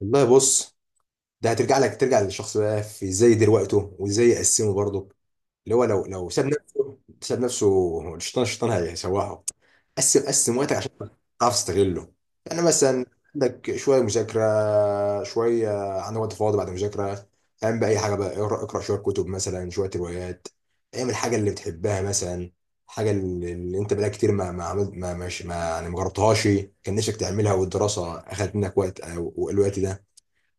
والله بص، ده هترجع لك ترجع للشخص بقى في ازاي يدير وقته وازاي يقسمه برضه. اللي هو لو ساب نفسه، الشيطان الشيطان هيسوحه. قسم قسم وقتك عشان تعرف تستغله. يعني مثلا عندك شويه مذاكره، شويه، عندك وقت فاضي بعد المذاكره، اعمل بقى اي حاجه بقى، اقرا اقرا شويه كتب مثلا، شويه روايات. اعمل الحاجه اللي بتحبها مثلا، حاجه اللي انت بقالك كتير ما ما عملت ما مش ما يعني ما جربتهاش، كان نفسك تعملها والدراسه اخذت منك وقت او الوقت ده.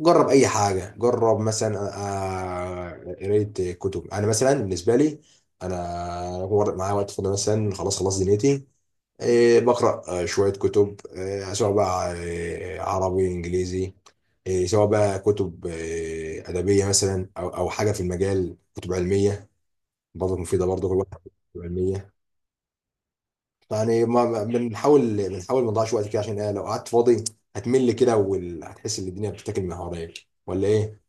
جرب اي حاجه، جرب مثلا قرايه كتب. انا مثلا بالنسبه لي، انا هو معايا وقت فاضي مثلا، خلاص خلاص دنيتي، بقرا شويه كتب، سواء بقى عربي انجليزي، سواء بقى كتب ادبيه مثلا، او حاجه في المجال، كتب علميه برضه، مفيده برضه كل واحد. كتب علميه. يعني بنحاول ما نضيعش وقت كده، عشان لو قعدت فاضي هتمل كده وهتحس ان الدنيا بتتاكل من حواليك ولا ايه؟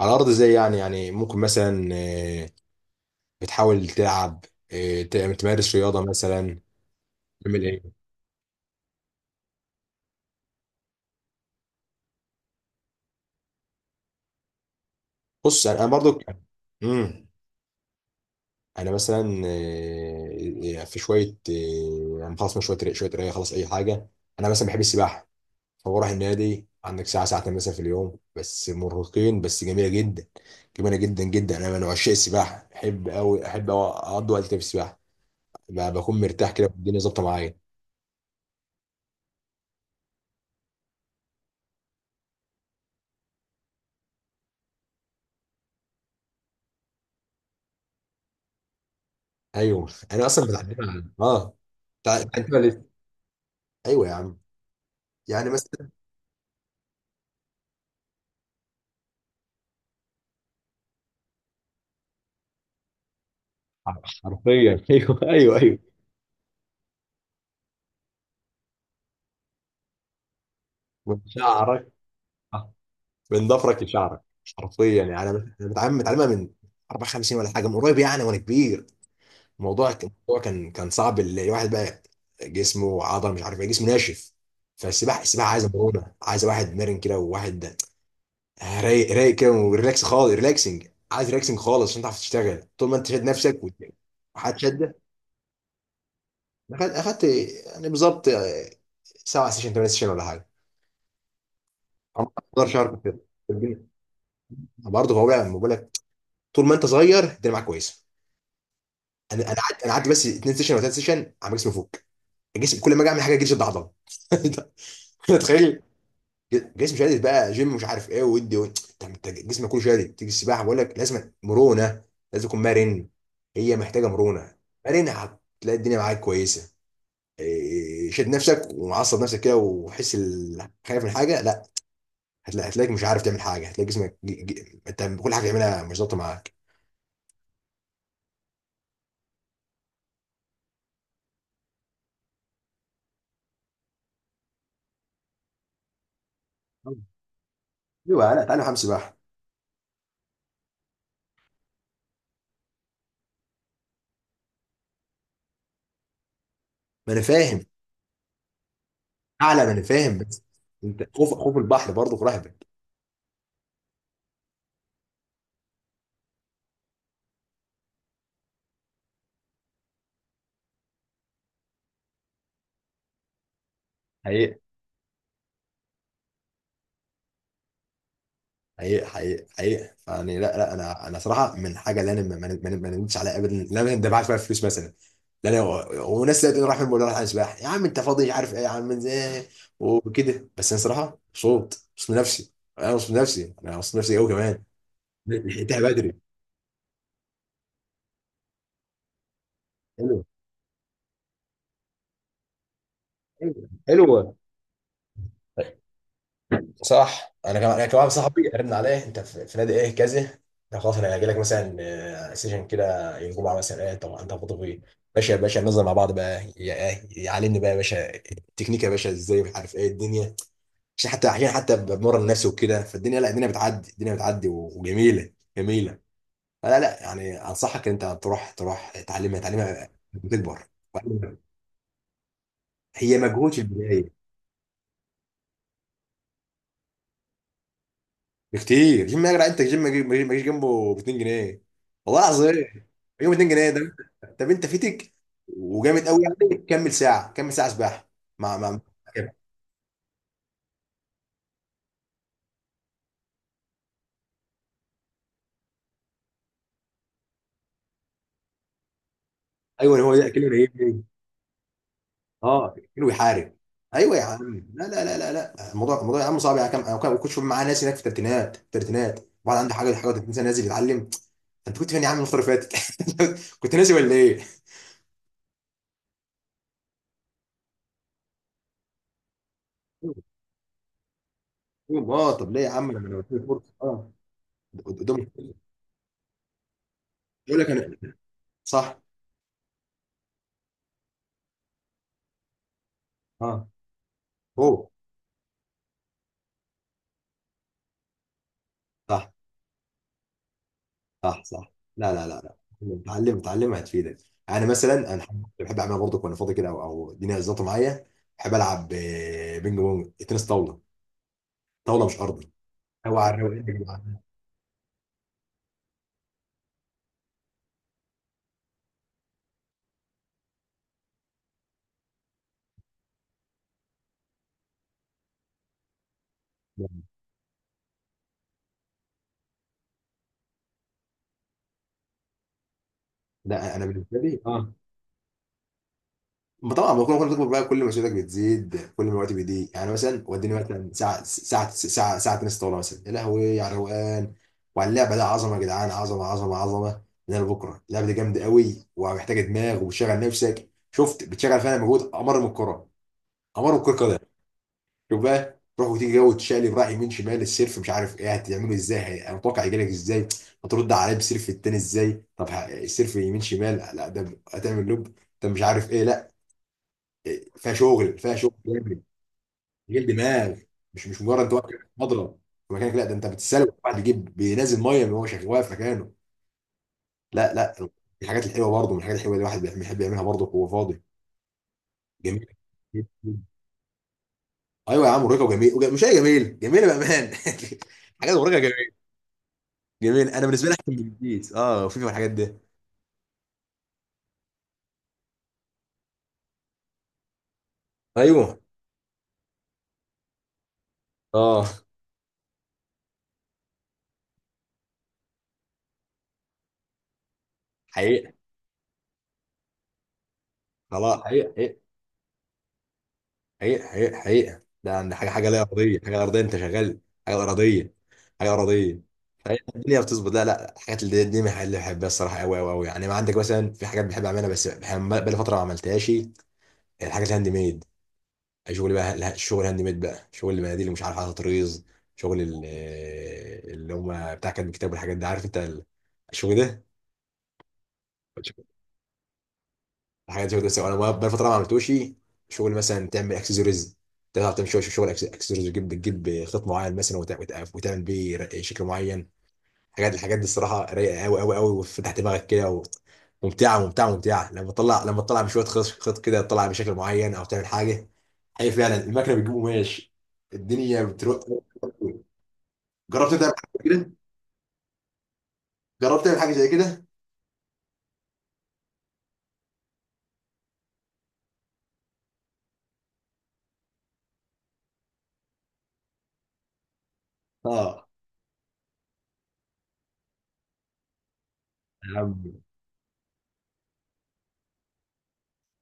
على الارض ازاي يعني؟ يعني ممكن مثلا بتحاول تلعب، تمارس رياضه مثلا، تعمل ايه؟ بص انا برضو. امم انا مثلا في شويه يعني خلاص، من شويه قرايه، خلاص اي حاجه. انا مثلا بحب السباحه، فبروح النادي، عندك ساعه ساعتين مثلا في اليوم، بس مرهقين، بس جميله جدا. جميله جدا جدا، انا من عشاق السباحه، بحب قوي، احب أوي اقضي وقت كده في السباحه. بكون مرتاح كده والدنيا ظابطه معايا. ايوه انا اصلا بتعلمها. اه، ايوه يا عم. يعني مثلا حرفيا ايوه، ايوه، ايوه. من شعرك، من ضفرك لشعرك، حرفيا. يعني انا متعلمها من 54 ولا حاجه، من قريب يعني وانا كبير. الموضوع كان صعب، الواحد بقى جسمه عضله، مش عارف ايه، جسمه ناشف. فالسباحه، عايزه مرونه، عايزه واحد مرن كده، وواحد رايق رايق كده، وريلاكس خالص، ريلاكسنج. عايز ريلاكسنج خالص عشان تعرف تشتغل. طول ما انت شاد نفسك وحد شده. اخدت، يعني بالظبط 7 سيشن 8 سيشن ولا حاجه. عمر اصغر شعر في الفيلم برضه. هو بقى ما بقولك، طول ما انت صغير الدنيا معاك كويسه. انا قعدت بس 2 سيشن ولا 3 سيشن، عمال جسمي فوق، الجسم، كل ما اجي اعمل حاجه جسمي اتعضل. تخيل. جسمي شادد بقى جيم، مش عارف ايه، ودي. طب انت جسمك كله شادد، تيجي السباحه بقول لك لازم مرونه، لازم تكون مرن. هي محتاجه مرونه، مرن هتلاقي الدنيا معاك كويسه. إيه، شد نفسك ومعصب نفسك كده، خايف من حاجه، لا، هتلاقيك مش عارف تعمل حاجه، هتلاقي جسمك انت كل حاجه تعملها مش ظابطه معاك. ايوه، لا، تعالى حمام سباحه. ما انا فاهم. اعلى، ما انا فاهم، بس انت خوف البحر برضه في رهبك. حقيقة حقيقة حقيقة حقيقة. فيعني لا، لا، انا صراحة من حاجة اللي انا ما ندمتش عليها ابدا، لا انا دفعت فيها فلوس مثلا. لا انا وناس لقيت انه راح فين، بقول له راح على سباحة، يا عم انت فاضي، عارف ايه، يا عم ازاي، وكده. بس انا صراحة مبسوط، مبسوط من نفسي. انا مبسوط من نفسي، انا مبسوط من نفسي قوي كمان. لحقتها بدري. حلوة، حلوة حلوة. صح، انا كمان صاحبي، رن عليه انت في نادي ايه كذا، ده خلاص انا هاجي لك مثلا سيشن كده، يوم الجمعه مثلا، ايه طب انت فاضي فيه؟ باشا يا باشا، ننزل مع بعض بقى، إيه، يعلمني بقى يا باشا التكنيك، يا باشا ازاي، مش عارف ايه الدنيا، عشان حتى، عشان حتى بمرن نفسي وكده. فالدنيا، لا، الدنيا بتعدي، الدنيا بتعدي وجميله. فلا لا يعني، انصحك ان انت تروح، تروح تعلمها، تعلمها بتكبر. هي مجهود في البدايه، بكتير. جيم يا جدع، انت جيم ما يجيش جنبه ب 2 جنيه، والله العظيم. يوم 2 جنيه ده طب انت فيتك، وجامد قوي يعني، كمل ساعه، كمل ساعه سباحه، مع كده. ايوه، هو ده كيلو يهمني، اه كيلو يحارب. ايوه يا عم، لا لا لا لا لا، الموضوع يا عم صعب يا عم. انا كنت شوف معاه ناس هناك في الثلاثينات، الثلاثينات. وبعد عنده حاجه و30 سنه نازل يتعلم. انت كنت فين يا عم الفتره اللي فاتت؟ كنت ناسي ولا ايه؟ اه، طب ليه يا عم؟ لما انا قلت لك، فرصه اه قدامك. يقول لك انا. صح، اه، اوه، صح صح صح. لا لا لا لا، اتعلم، اتعلم هتفيدك. انا مثلا انا بحب اعمل برضه وانا فاضي كده، او الدنيا زلطه معايا، بحب العب بينج بونج، تنس طاوله، طاوله مش ارضي، او على الروقان يا جماعه. لا، انا بالنسبه لي اه. ما طبعا ما كل ما كنت بتكبر بقى كل مسؤوليتك بتزيد، كل ما الوقت بيضيق. يعني مثلا وديني مثلا ساعه، ساعه ساعه ساعه تنس طاوله مثلا، يا لهوي، على الروقان وعلى اللعبه ده، عظمه يا جدعان، عظمه عظمه عظمه. من بكره، اللعبه دي جامده قوي ومحتاجه دماغ، وبتشغل نفسك، شفت، بتشغل فعلا مجهود امر من الكره، امر من الكره قدم. شوف بقى، تروح وتيجي، جو تشقلب رايح يمين شمال، السيرف مش عارف ايه هتعمله ازاي، انا متوقع يجيلك ازاي، هترد عليه بسيرف التاني ازاي، طب السيرف يمين شمال، لا ده هتعمل لوب، ده مش عارف ايه، لا. فيها شغل، فيها شغل جامد، غير دماغ. مش مجرد انت واقف في مضرب في مكانك، لا، ده انت بتتسلق، واحد يجيب بينزل ميه، من هو شغال واقف مكانه. لا لا، الحاجات الحلوه برضه، من الحاجات الحلوه اللي الواحد بيحب يعملها برضه وهو فاضي. جميل. ايوه يا عم، مرهقه وجميل، مش هي جميل، جميله بامان حاجات مرهقه جميل، جميل. انا بالنسبه لي احسن من البيت، اه، وفي الحاجات دي. ايوه، اه. حقيقة، خلاص، حقيقة حقيقة حقيقة حقيقة. ده حاجة لا أرضية، حاجة لا أرضية، أنت شغال، حاجة أرضية، حاجة أرضية. فهي الدنيا بتظبط، لا لا، الحاجات اللي دي من الحاجات اللي بحبها الصراحة، أوي أوي أوي. يعني ما عندك مثلا في حاجات بحب أعملها، بس بقالي فترة ما عملتهاش. الحاجات الهاند ميد، شغل بقى، لا، شغل هاند ميد بقى، شغل المناديل اللي مش عارف، على طريز، شغل ال- اللي هم بتاع كاتب الكتاب والحاجات دي، عارف أنت الشغل ده؟ حاجات زي كده، سواء، انا بقى فتره ما عملتوش. شغل مثلا، تعمل اكسسوارز، تعرف تعمل شغل اكسسوارز، وتجيب خيط معين مثلا، وتعمل بيه شكل معين. الحاجات دي الصراحه رايقه قوي قوي قوي، وفتح دماغك كده ممتعه ممتعه ممتعه. لما تطلع، لما تطلع بشويه خيط، خيط كده، تطلع بشكل معين او تعمل حاجه، هي فعلا المكنه بتجيب قماش، الدنيا بتروق. جربت تعمل حاجه كده؟ جربت تعمل حاجه زي كده؟ اه يا عم،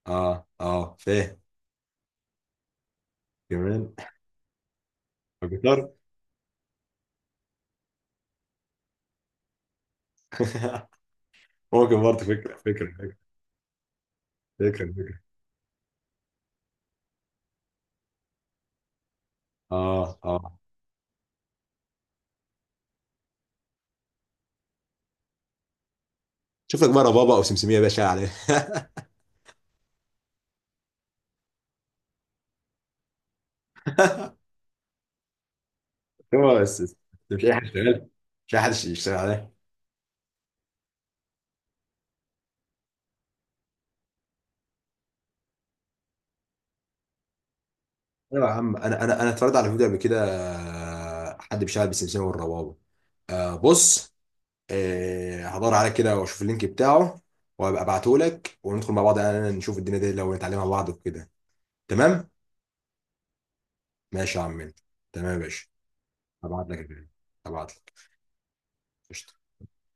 اه اه فاهم. كمان. الجيتار. ممكن برضه، فكرة، فكرة فكرة فكرة فكرة. اه اه، شوف لك بقى ربابة او سمسمية يا باشا عليه. هو بس بس، مش اي حد شغال، مش اي حد يشتغل عليه. ايوه يا عم، انا اتفرجت على فيديو قبل كده حد بيشتغل بالسمسمية والربابة. آه بص، آه هدور عليه كده واشوف اللينك بتاعه، وابقى ابعته لك وندخل مع بعض انا، نشوف الدنيا دي لو نتعلمها مع بعض وكده. تمام. ماشي يا عم منه. تمام يا باشا. هبعت لك الفيديو، هبعت لك. قشطة،